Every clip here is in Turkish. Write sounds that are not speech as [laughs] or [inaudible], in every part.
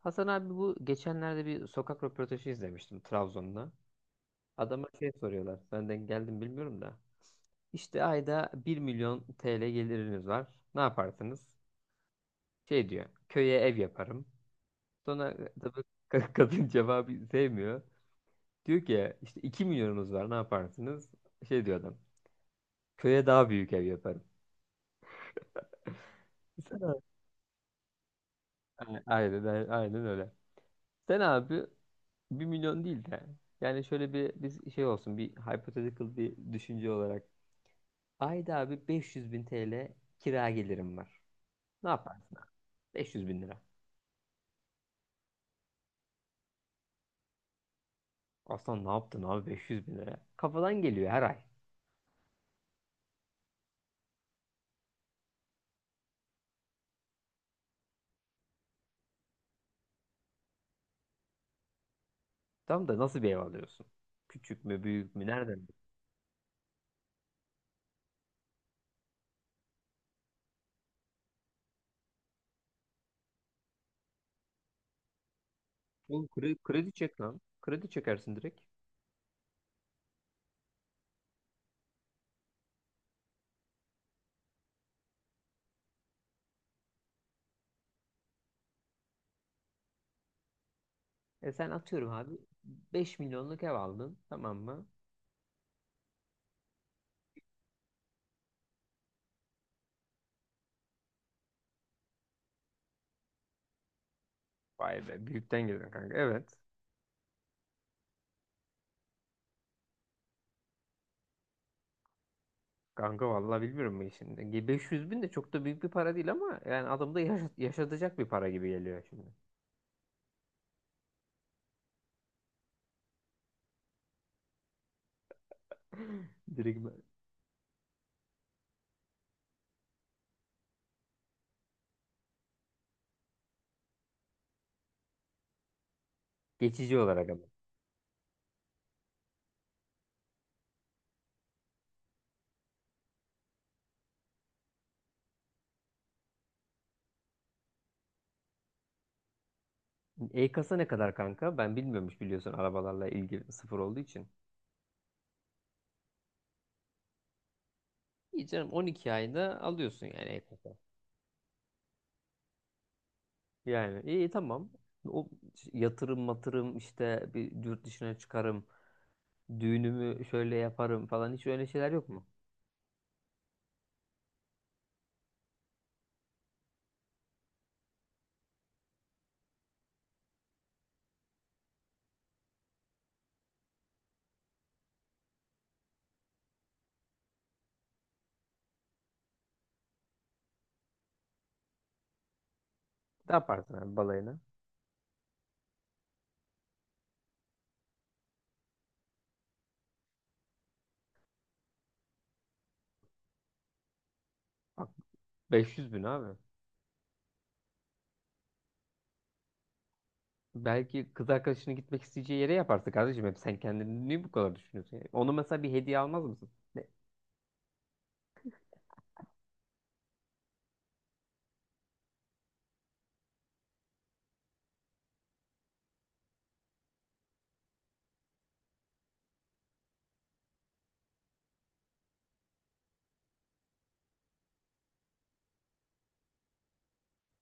Hasan abi bu geçenlerde bir sokak röportajı izlemiştim Trabzon'da. Adama şey soruyorlar. Benden geldim bilmiyorum da. İşte ayda 1 milyon TL geliriniz var. Ne yaparsınız? Şey diyor. Köye ev yaparım. Sonra tabii kadın [laughs] cevabı sevmiyor. Diyor ki işte 2 milyonunuz var, ne yaparsınız? Şey diyor adam. Köye daha büyük ev yaparım. [laughs] Sen- Aynen, aynen, aynen öyle. Sen abi 1 milyon değil de yani şöyle bir biz şey olsun, bir hypothetical bir düşünce olarak. Ayda abi 500 bin TL kira gelirim var. Ne yaparsın abi? 500 bin lira. Aslan ne yaptın abi 500 bin lira? Kafadan geliyor her ay. Tam da nasıl bir ev alıyorsun? Küçük mü, büyük mü, nereden? Oğlum kredi, çek lan. Kredi çekersin direkt. E sen atıyorum abi 5 milyonluk ev aldın, tamam mı? Vay be, büyükten geliyor kanka, evet. Kanka vallahi bilmiyorum ben şimdi. 500 bin de çok da büyük bir para değil ama yani adamda yaşatacak bir para gibi geliyor şimdi. [laughs] Direkt ben- Geçici olarak ama. E-kasa ne kadar kanka? Ben bilmiyormuş, biliyorsun arabalarla ilgili sıfır olduğu için. İyi canım, 12 ayda alıyorsun yani e-kasa. Yani iyi, tamam. O yatırım matırım işte, bir yurt dışına çıkarım. Düğünümü şöyle yaparım falan, hiç öyle şeyler yok mu? Ne yaparsın abi balayına? Bak, 500 bin abi. Belki kız arkadaşının gitmek isteyeceği yere yaparsın kardeşim. Hep sen kendini niye bu kadar düşünüyorsun? Yani ona mesela bir hediye almaz mısın? Ne?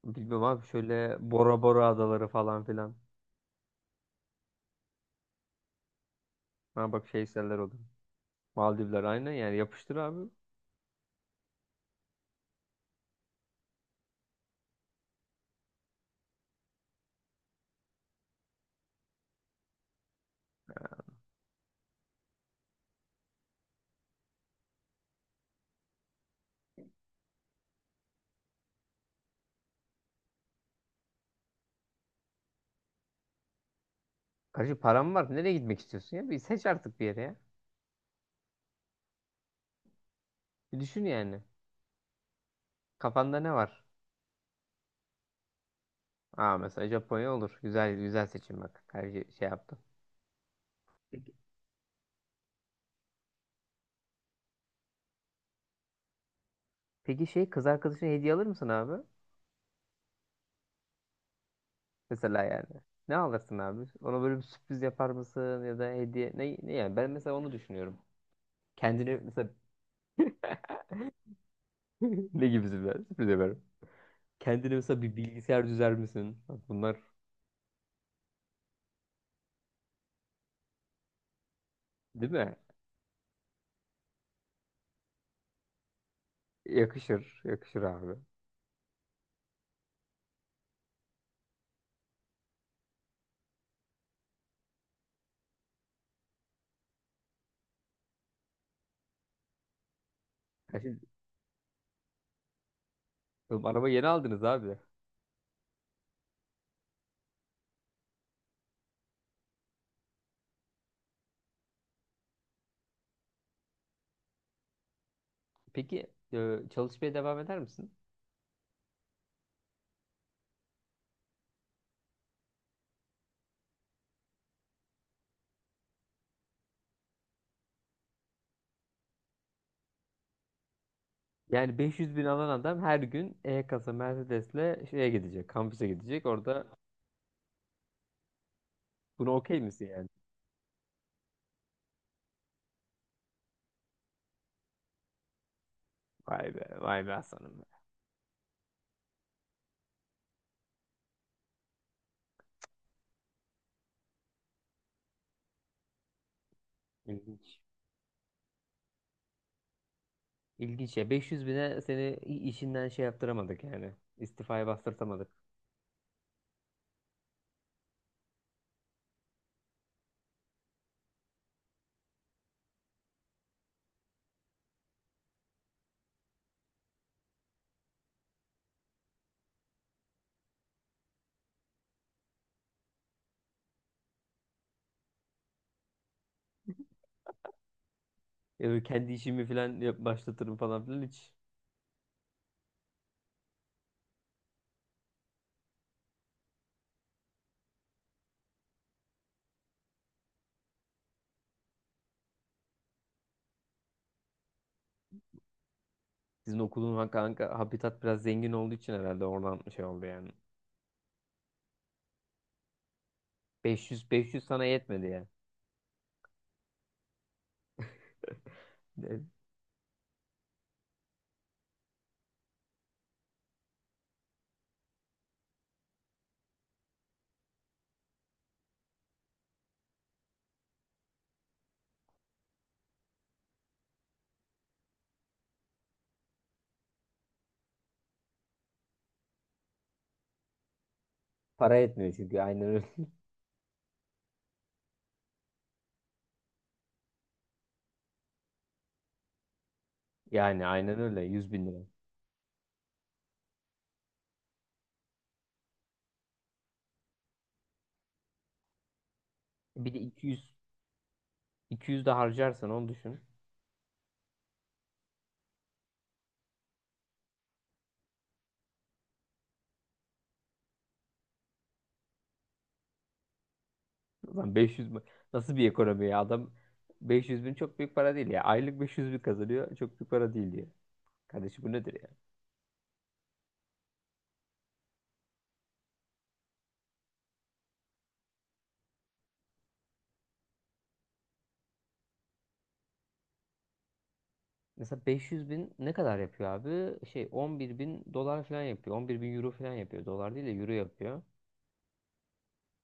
Bilmem abi, şöyle Bora Bora adaları falan filan. Ha bak, şeyseller olur. Maldivler aynı yani, yapıştır abi. Kardeşim param var. Nereye gitmek istiyorsun ya? Bir seç artık bir yere ya. Bir düşün yani. Kafanda ne var? Aa, mesela Japonya olur. Güzel, güzel seçim bak. Her şey, şey yaptım. Peki şey, kız arkadaşına hediye alır mısın abi? Mesela yani. Ne alırsın abi? Ona böyle bir sürpriz yapar mısın, ya da hediye ne, ne yani, ben mesela onu düşünüyorum. Kendine mesela [laughs] ne gibi sürpriz, yaparım? Kendine mesela bir bilgisayar düzer misin? Bunlar değil mi? Yakışır, yakışır abi. Ya şimdi, oğlum araba yeni aldınız abi. Peki çalışmaya devam eder misin? Yani 500 bin alan adam her gün E-Kasa Mercedes'le şeye gidecek, kampüse gidecek. Orada buna okey misin yani? Vay be, vay be Hasan'ım be. İlginç. İlginç ya. 500 bine seni işinden şey yaptıramadık yani. İstifaya bastırtamadık. Ya kendi işimi falan başlatırım falan filan hiç. Sizin okulun kanka, habitat biraz zengin olduğu için herhalde oradan şey oldu yani. 500 500 sana yetmedi ya. E, Para yetmiyor çünkü, aynen öyle. [laughs] Yani aynen öyle, 100 bin lira. Bir de 200 200 de harcarsan onu düşün. Ulan 500 mü- Nasıl bir ekonomi ya, adam 500 bin çok büyük para değil ya. Aylık 500 bin kazanıyor, çok büyük para değil diyor. Kardeşim bu nedir ya? Mesela 500 bin ne kadar yapıyor abi? Şey, 11 bin dolar falan yapıyor. 11 bin euro falan yapıyor. Dolar değil de euro yapıyor.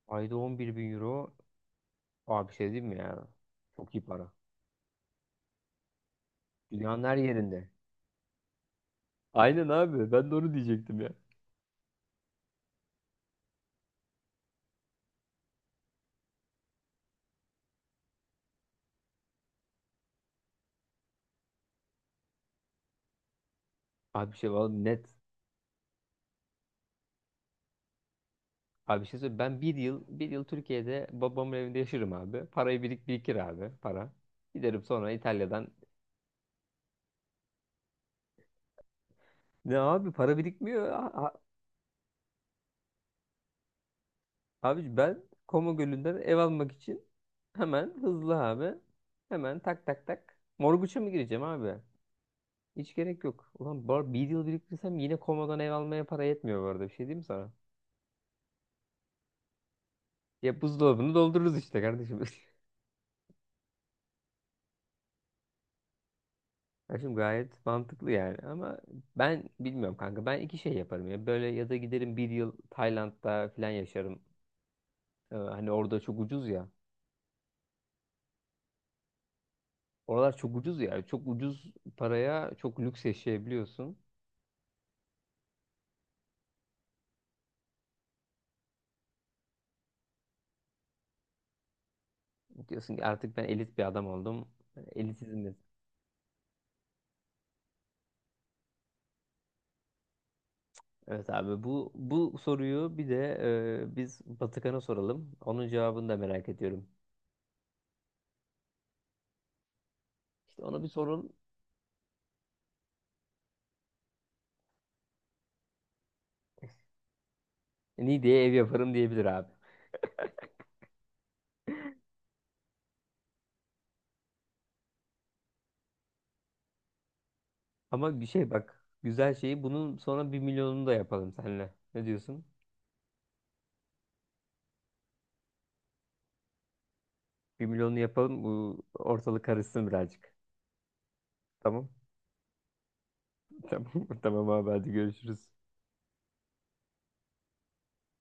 Ayda 11 bin euro. Abi bir şey diyeyim mi ya? Çok iyi para. Dünyanın her yerinde. Aynen abi. Ben de onu diyecektim ya. Abi bir şey var net. Abi bir şey söyleyeyim. Ben bir yıl, bir yıl Türkiye'de babamın evinde yaşarım abi. Parayı birikir abi para. Giderim sonra İtalya'dan. Ne abi, para birikmiyor. Abi ben Koma Gölü'nden ev almak için hemen, hızlı abi. Hemen tak tak tak. Morguç'a mı gireceğim abi? Hiç gerek yok. Bir yıl biriktirsem yine Koma'dan ev almaya para yetmiyor bu arada. Bir şey diyeyim mi sana? Ya buzdolabını doldururuz işte kardeşim. [laughs] Kardeşim gayet mantıklı yani. Ama ben bilmiyorum kanka. Ben iki şey yaparım ya. Böyle, ya da giderim bir yıl Tayland'da falan yaşarım. Hani orada çok ucuz ya. Oralar çok ucuz ya. Çok ucuz paraya çok lüks yaşayabiliyorsun. Diyorsun ki artık ben elit bir adam oldum. Elitizmiz. Evet abi, bu, soruyu bir de biz Batıkan'a soralım. Onun cevabını da merak ediyorum. İşte ona bir sorun. Niğde'ye ev yaparım diyebilir abi. Ama bir şey bak, güzel şeyi bunun, sonra 1 milyonunu da yapalım seninle. Ne diyorsun? 1 milyonunu yapalım, bu ortalık karışsın birazcık. Tamam. [laughs] Tamam. Tamam abi, hadi görüşürüz.